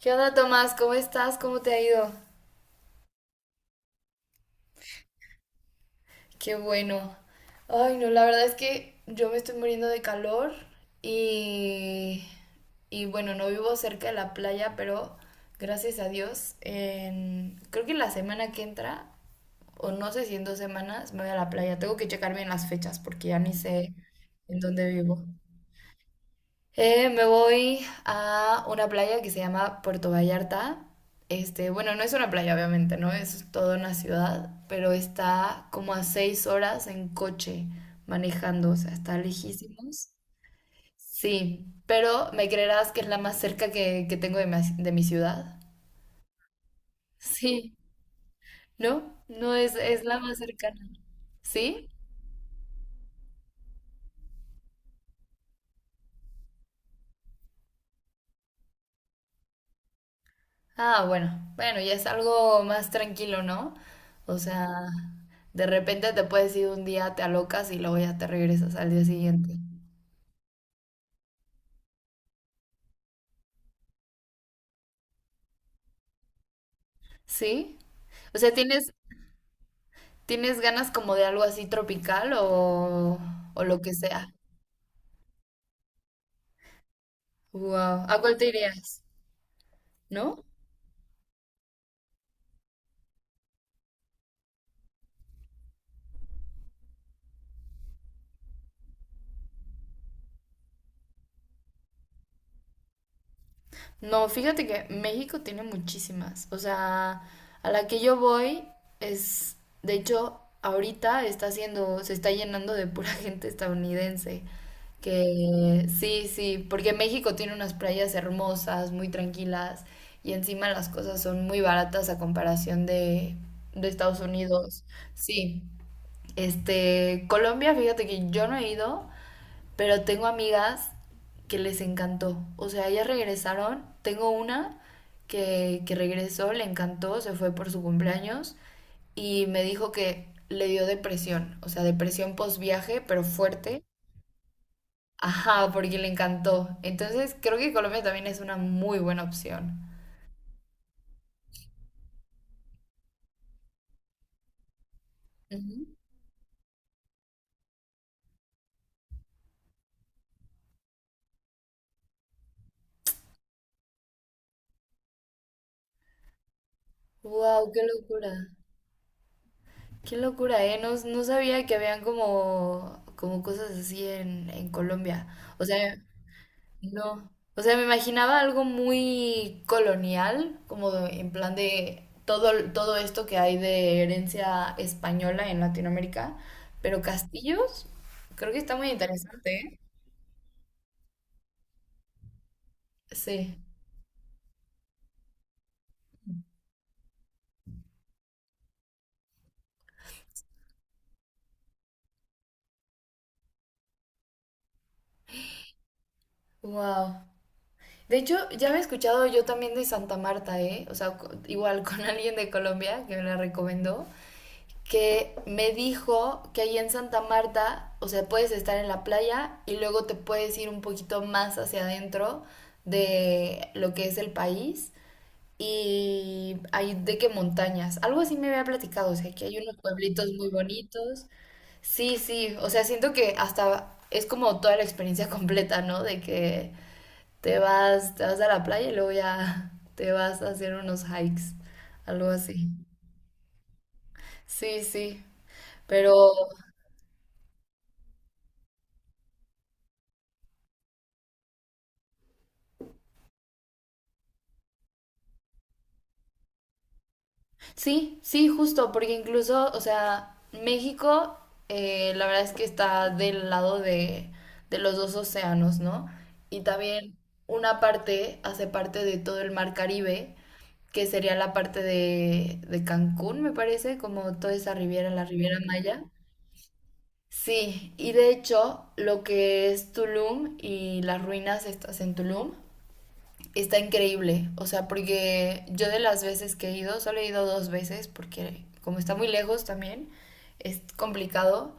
¿Qué onda, Tomás? ¿Cómo estás? ¿Cómo te ha ido? Qué bueno. Ay, no, la verdad es que yo me estoy muriendo de calor y, y bueno, no vivo cerca de la playa, pero gracias a Dios, creo que la semana que entra, o no sé si en 2 semanas, me voy a la playa. Tengo que checar bien las fechas porque ya ni sé en dónde vivo. Me voy a una playa que se llama Puerto Vallarta. Bueno, no es una playa, obviamente, ¿no? Es toda una ciudad, pero está como a 6 horas en coche manejando, o sea, está lejísimos. Sí, pero me creerás que es la más cerca que tengo de mi ciudad. Sí, ¿no? No es la más cercana. ¿Sí? Ah, bueno, bueno, ya es algo más tranquilo, ¿no? O sea, de repente te puedes ir un día, te alocas y luego ya te regresas al día siguiente. ¿Sí? O sea, ¿tienes ganas como de algo así tropical o lo que sea? Wow. ¿A cuál te irías? ¿No? No, fíjate que México tiene muchísimas. O sea, a la que yo voy es, de hecho, ahorita se está llenando de pura gente estadounidense. Que sí, sí, porque México tiene unas playas hermosas, muy tranquilas, y encima las cosas son muy baratas a comparación de Estados Unidos. Sí, Colombia, fíjate que yo no he ido, pero tengo amigas que les encantó. O sea, ellas regresaron. Tengo una que regresó, le encantó, se fue por su cumpleaños y me dijo que le dio depresión. O sea, depresión post viaje, pero fuerte. Ajá, porque le encantó. Entonces, creo que Colombia también es una muy buena opción. Ujú. Wow, qué locura. Qué locura, ¿eh? No, no sabía que habían como cosas así en Colombia. O sea, no, o sea, me imaginaba algo muy colonial, en plan de todo, todo esto que hay de herencia española en Latinoamérica, pero castillos, creo que está muy interesante, ¿eh? Sí, wow. De hecho, ya había escuchado yo también de Santa Marta, ¿eh? O sea, igual con alguien de Colombia que me la recomendó, que me dijo que ahí en Santa Marta, o sea, puedes estar en la playa y luego te puedes ir un poquito más hacia adentro de lo que es el país y hay de qué montañas. Algo así me había platicado, o sea, que hay unos pueblitos muy bonitos. Sí, sí, o sea, siento que hasta es como toda la experiencia completa, ¿no? De que te vas a la playa y luego ya te vas a hacer unos hikes, algo así. Sí, sí, pero sí, sí, justo, porque incluso, o sea, México, la verdad es que está del lado de los dos océanos, ¿no? Y también una parte hace parte de todo el mar Caribe, que sería la parte de Cancún, me parece, como toda esa riviera, la Riviera Maya. Sí, y de hecho, lo que es Tulum y las ruinas estas en Tulum está increíble. O sea, porque yo de las veces que he ido, solo he ido dos veces, porque como está muy lejos también, es complicado.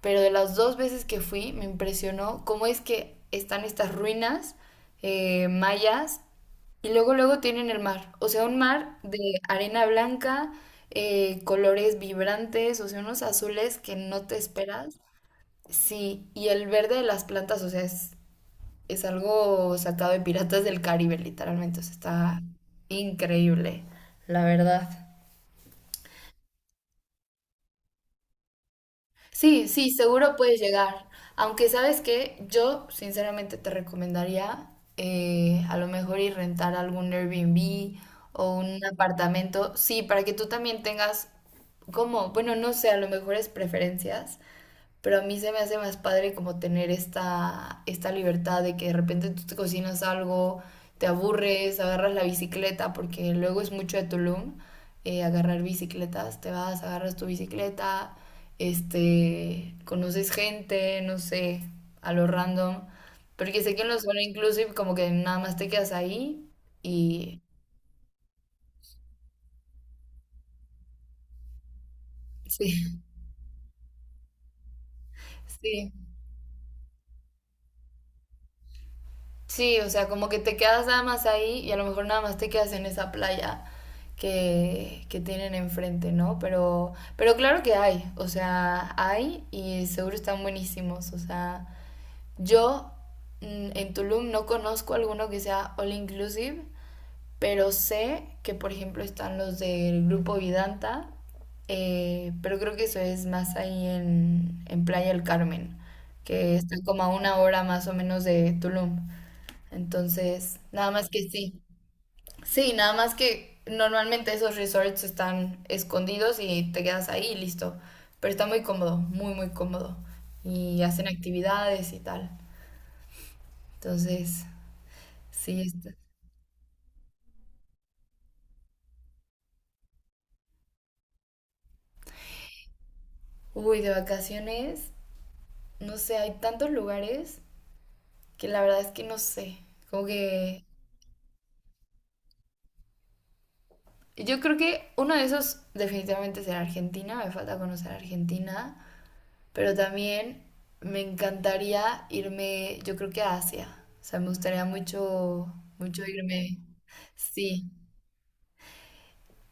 Pero de las dos veces que fui, me impresionó cómo es que están estas ruinas mayas y luego, luego tienen el mar. O sea, un mar de arena blanca, colores vibrantes, o sea, unos azules que no te esperas. Sí, y el verde de las plantas, o sea, es algo sacado de Piratas del Caribe, literalmente. O sea, está increíble, la verdad. Sí, sí, seguro puedes llegar. Aunque sabes que yo sinceramente te recomendaría a lo mejor ir rentar algún Airbnb o un apartamento. Sí, para que tú también tengas como, bueno, no sé, a lo mejor es preferencias. Pero a mí se me hace más padre como tener esta libertad de que de repente tú te cocinas algo, te aburres, agarras la bicicleta, porque luego es mucho de Tulum agarrar bicicletas, te vas, agarras tu bicicleta, conoces gente, no sé, a lo random, porque sé que en los All Inclusive como que nada más te quedas ahí y sí, sí. Sí, o sea, como que te quedas nada más ahí y a lo mejor nada más te quedas en esa playa que tienen enfrente, ¿no? Pero claro que hay, o sea, hay y seguro están buenísimos, o sea, yo en Tulum no conozco alguno que sea all inclusive, pero sé que por ejemplo están los del grupo Vidanta, pero creo que eso es más ahí en Playa del Carmen, que está como a una hora más o menos de Tulum. Entonces, nada más que sí. Sí, nada más que normalmente esos resorts están escondidos y te quedas ahí y listo. Pero está muy cómodo, muy, muy cómodo. Y hacen actividades y tal. Entonces, sí, está. Uy, de vacaciones, no sé, hay tantos lugares que la verdad es que no sé. Como que yo creo que uno de esos definitivamente será Argentina, me falta conocer Argentina. Pero también me encantaría irme, yo creo que a Asia. O sea, me gustaría mucho, mucho irme. Sí.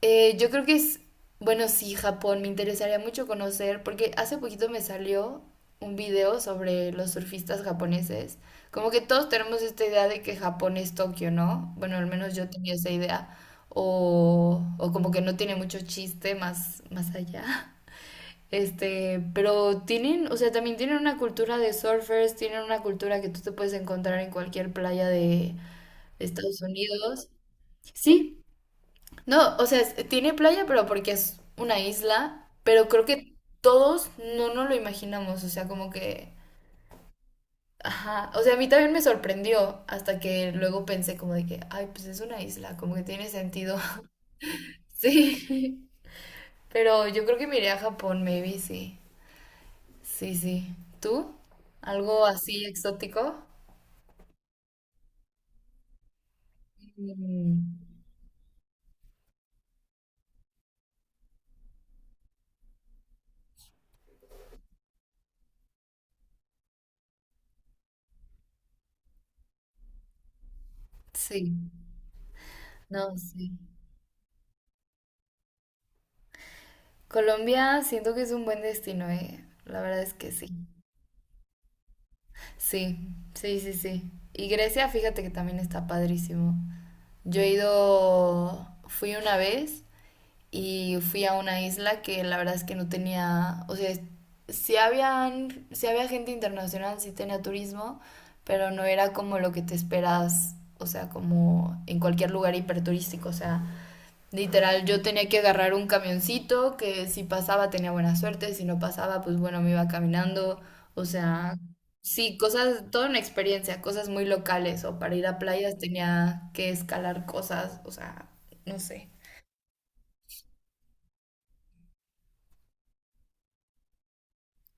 Yo creo que es, bueno, sí, Japón, me interesaría mucho conocer, porque hace poquito me salió un video sobre los surfistas japoneses. Como que todos tenemos esta idea de que Japón es Tokio, ¿no? Bueno, al menos yo tenía esa idea. O como que no tiene mucho chiste más, más allá. Pero tienen, o sea, también tienen una cultura de surfers, tienen una cultura que tú te puedes encontrar en cualquier playa de Estados Unidos. Sí, no, o sea, tiene playa, pero porque es una isla, pero creo que todos no nos lo imaginamos, o sea, como que, ajá, o sea, a mí también me sorprendió hasta que luego pensé como de que, ay, pues es una isla, como que tiene sentido. Sí, pero yo creo que me iré a Japón, maybe, sí. Sí, sí. ¿Tú? ¿Algo así exótico? Mm, sí, no, sí. Colombia siento que es un buen destino, eh. La verdad es que sí. Sí, sí, sí, sí. Y Grecia, fíjate que también está padrísimo. Yo he ido, fui una vez y fui a una isla que la verdad es que no tenía, o sea, sí habían, sí había gente internacional, sí tenía turismo, pero no era como lo que te esperas, o sea, como en cualquier lugar hiperturístico, o sea, literal yo tenía que agarrar un camioncito que si pasaba tenía buena suerte, si no pasaba, pues bueno, me iba caminando, o sea, sí, cosas, toda una experiencia, cosas muy locales, o para ir a playas tenía que escalar cosas, o sea, no sé.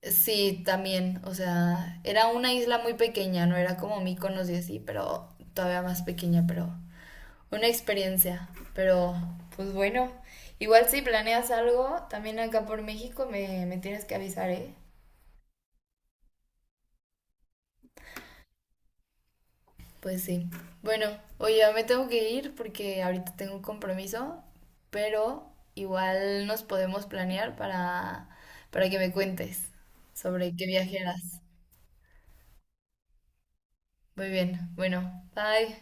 Sí, también, o sea, era una isla muy pequeña, no era como Mykonos y así, pero todavía más pequeña, pero una experiencia, pero pues bueno, igual si planeas algo, también acá por México me tienes que avisar, ¿eh? Pues sí. Bueno, oye, ya me tengo que ir porque ahorita tengo un compromiso, pero igual nos podemos planear para, que me cuentes sobre qué viaje. Muy bien, bueno, bye.